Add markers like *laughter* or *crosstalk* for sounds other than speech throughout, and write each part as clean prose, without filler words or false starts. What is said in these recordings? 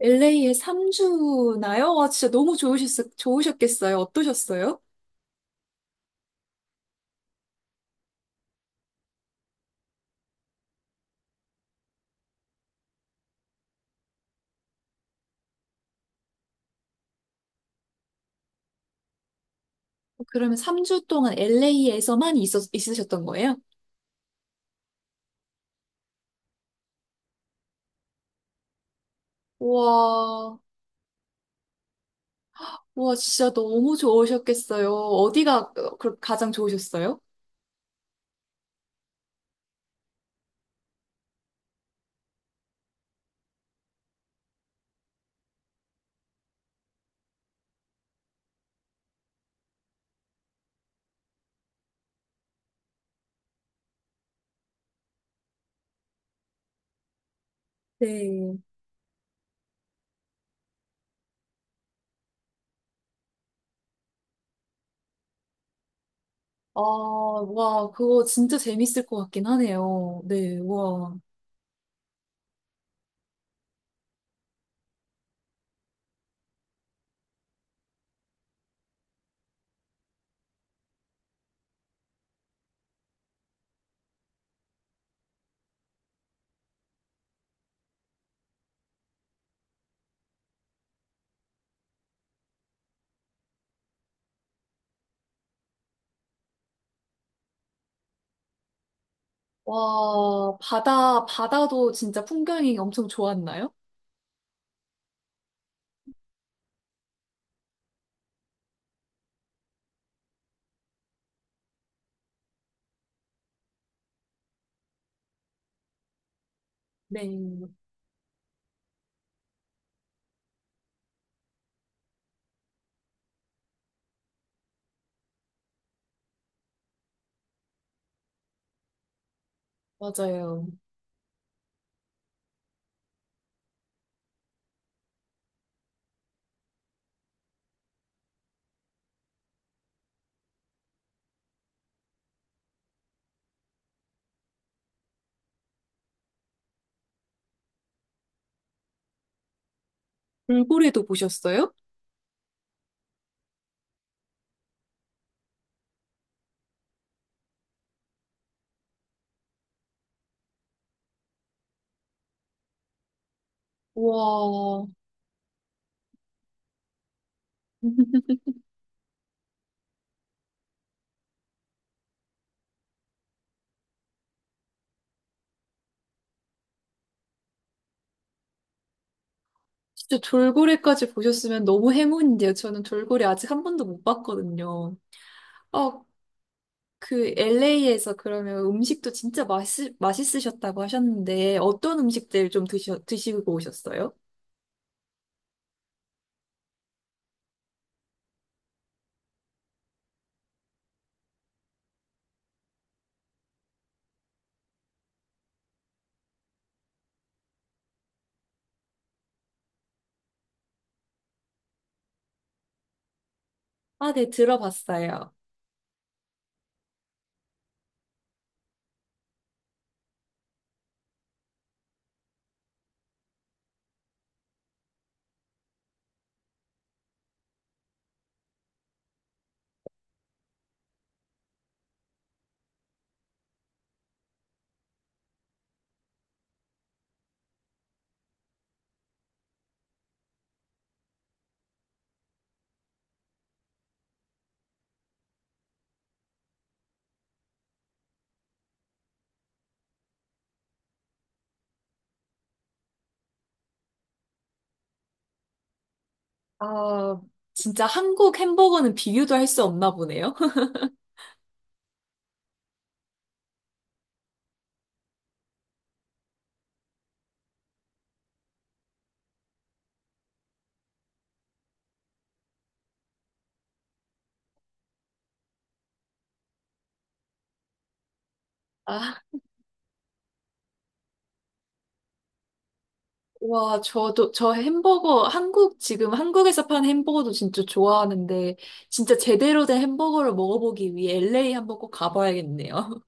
LA에 3주나요? 와, 진짜 너무 좋으셨겠어요. 어떠셨어요? 그러면 3주 동안 LA에서만 있으셨던 거예요? 와, 와, 진짜 너무 좋으셨겠어요. 어디가 가장 좋으셨어요? 네. 아, 와, 그거 진짜 재밌을 것 같긴 하네요. 네, 와. 와, 바다도 진짜 풍경이 엄청 좋았나요? 네, 맞아요. 돌고래도 보셨어요? 와. *laughs* 진짜 돌고래까지 보셨으면 너무 행운인데요. 저는 돌고래 아직 한 번도 못 봤거든요. 어, 그 LA에서 그러면 음식도 진짜 맛있으셨다고 하셨는데 어떤 음식들 좀 드시고 오셨어요? 아, 네, 들어봤어요. 아, 진짜 한국 햄버거는 비교도 할 수 없나 보네요. *laughs* 아, 와, 저도, 저 햄버거, 한국, 지금 한국에서 파는 햄버거도 진짜 좋아하는데, 진짜 제대로 된 햄버거를 먹어보기 위해 LA 한번 꼭 가봐야겠네요.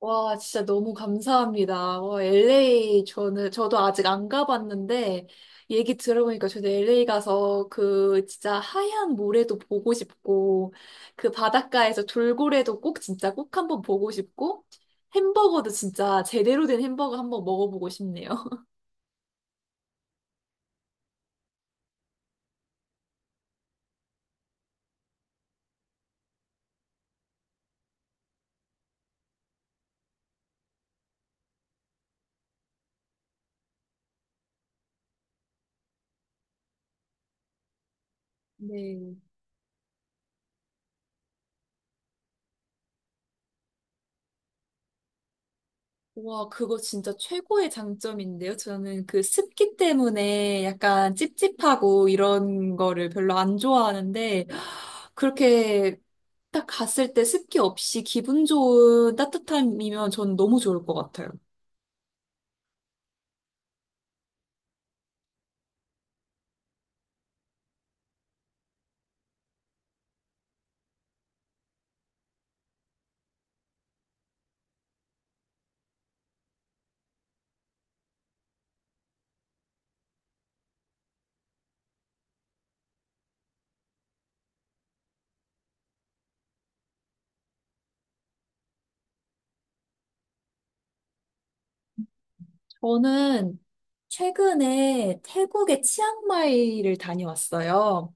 와, 진짜 너무 감사합니다. 와, LA 저는 저도 아직 안 가봤는데 얘기 들어보니까 저도 LA 가서 그 진짜 하얀 모래도 보고 싶고 그 바닷가에서 돌고래도 꼭 진짜 꼭 한번 보고 싶고 햄버거도 진짜 제대로 된 햄버거 한번 먹어보고 싶네요. *laughs* 네. 와, 그거 진짜 최고의 장점인데요. 저는 그 습기 때문에 약간 찝찝하고 이런 거를 별로 안 좋아하는데, 그렇게 딱 갔을 때 습기 없이 기분 좋은 따뜻함이면 전 너무 좋을 것 같아요. 저는 최근에 태국의 치앙마이를 다녀왔어요.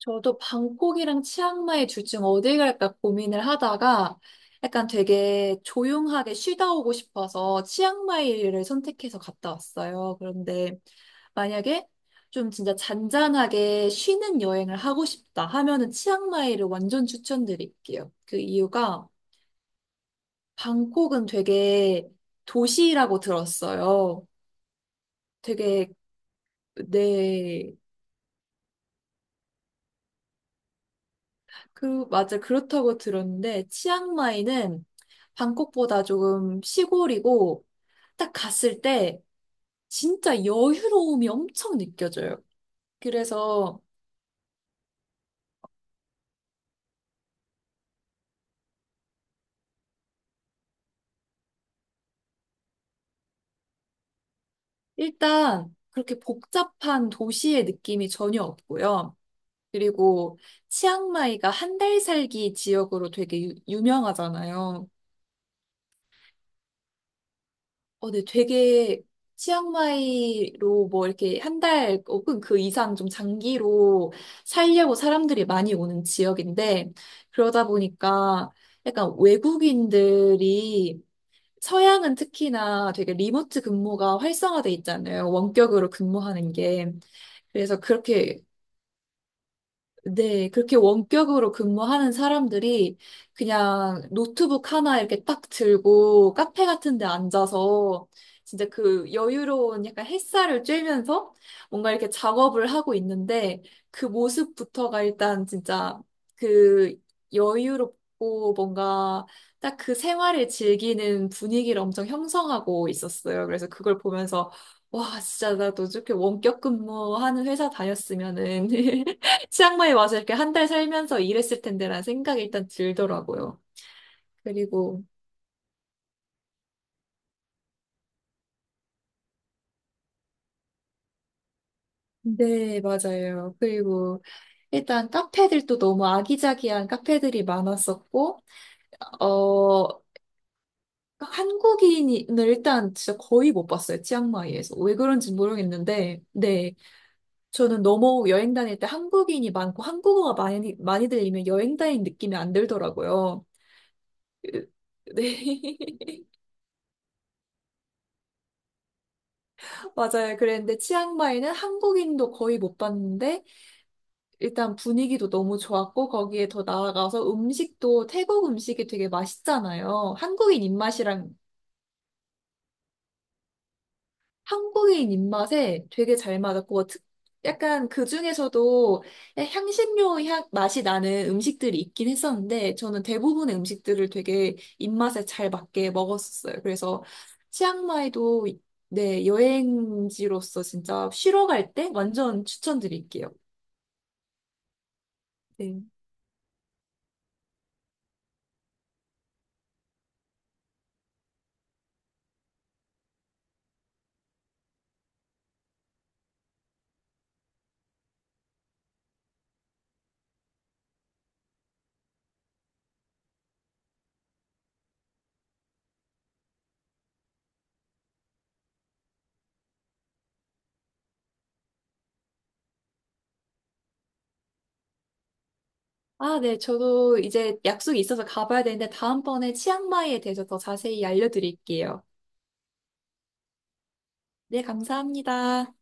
저도 방콕이랑 치앙마이 둘 중 어디 갈까 고민을 하다가 약간 되게 조용하게 쉬다 오고 싶어서 치앙마이를 선택해서 갔다 왔어요. 그런데 만약에 좀 진짜 잔잔하게 쉬는 여행을 하고 싶다 하면은 치앙마이를 완전 추천드릴게요. 그 이유가 방콕은 되게 도시라고 들었어요. 되게 네. 맞아. 그렇다고 들었는데, 치앙마이는 방콕보다 조금 시골이고, 딱 갔을 때 진짜 여유로움이 엄청 느껴져요. 그래서 일단 그렇게 복잡한 도시의 느낌이 전혀 없고요. 그리고 치앙마이가 한 달 살기 지역으로 되게 유명하잖아요. 네, 되게 치앙마이로 뭐 이렇게 한 달 혹은 그 이상 좀 장기로 살려고 사람들이 많이 오는 지역인데 그러다 보니까 약간 외국인들이 서양은 특히나 되게 리모트 근무가 활성화돼 있잖아요. 원격으로 근무하는 게. 그래서 그렇게 네, 그렇게 원격으로 근무하는 사람들이 그냥 노트북 하나 이렇게 딱 들고 카페 같은 데 앉아서 진짜 그 여유로운 약간 햇살을 쬐면서 뭔가 이렇게 작업을 하고 있는데 그 모습부터가 일단 진짜 그 여유롭고 뭔가 딱 그 생활을 즐기는 분위기를 엄청 형성하고 있었어요. 그래서 그걸 보면서 와, 진짜 나도 저렇게 원격 근무하는 회사 다녔으면은 *laughs* 치앙마이 와서 이렇게 한 달 살면서 일했을 텐데라는 생각이 일단 들더라고요. 그리고, 네, 맞아요. 그리고, 일단 카페들도 너무 아기자기한 카페들이 많았었고, 어, 한국인을 일단 진짜 거의 못 봤어요. 치앙마이에서. 왜 그런지 모르겠는데, 네. 저는 너무 여행 다닐 때 한국인이 많고 한국어가 많이 들리면 여행 다닌 느낌이 안 들더라고요. 네. *laughs* 맞아요. 그랬는데 치앙마이는 한국인도 거의 못 봤는데 일단 분위기도 너무 좋았고 거기에 더 나아가서 음식도 태국 음식이 되게 맛있잖아요. 한국인 입맛에 되게 잘 맞았고 약간 그 중에서도 향신료 향 맛이 나는 음식들이 있긴 했었는데 저는 대부분의 음식들을 되게 입맛에 잘 맞게 먹었었어요. 그래서 치앙마이도 네, 여행지로서 진짜 쉬러 갈 때 완전 추천드릴게요. 네. 아, 네. 저도 이제 약속이 있어서 가봐야 되는데 다음번에 치앙마이에 대해서 더 자세히 알려드릴게요. 네, 감사합니다.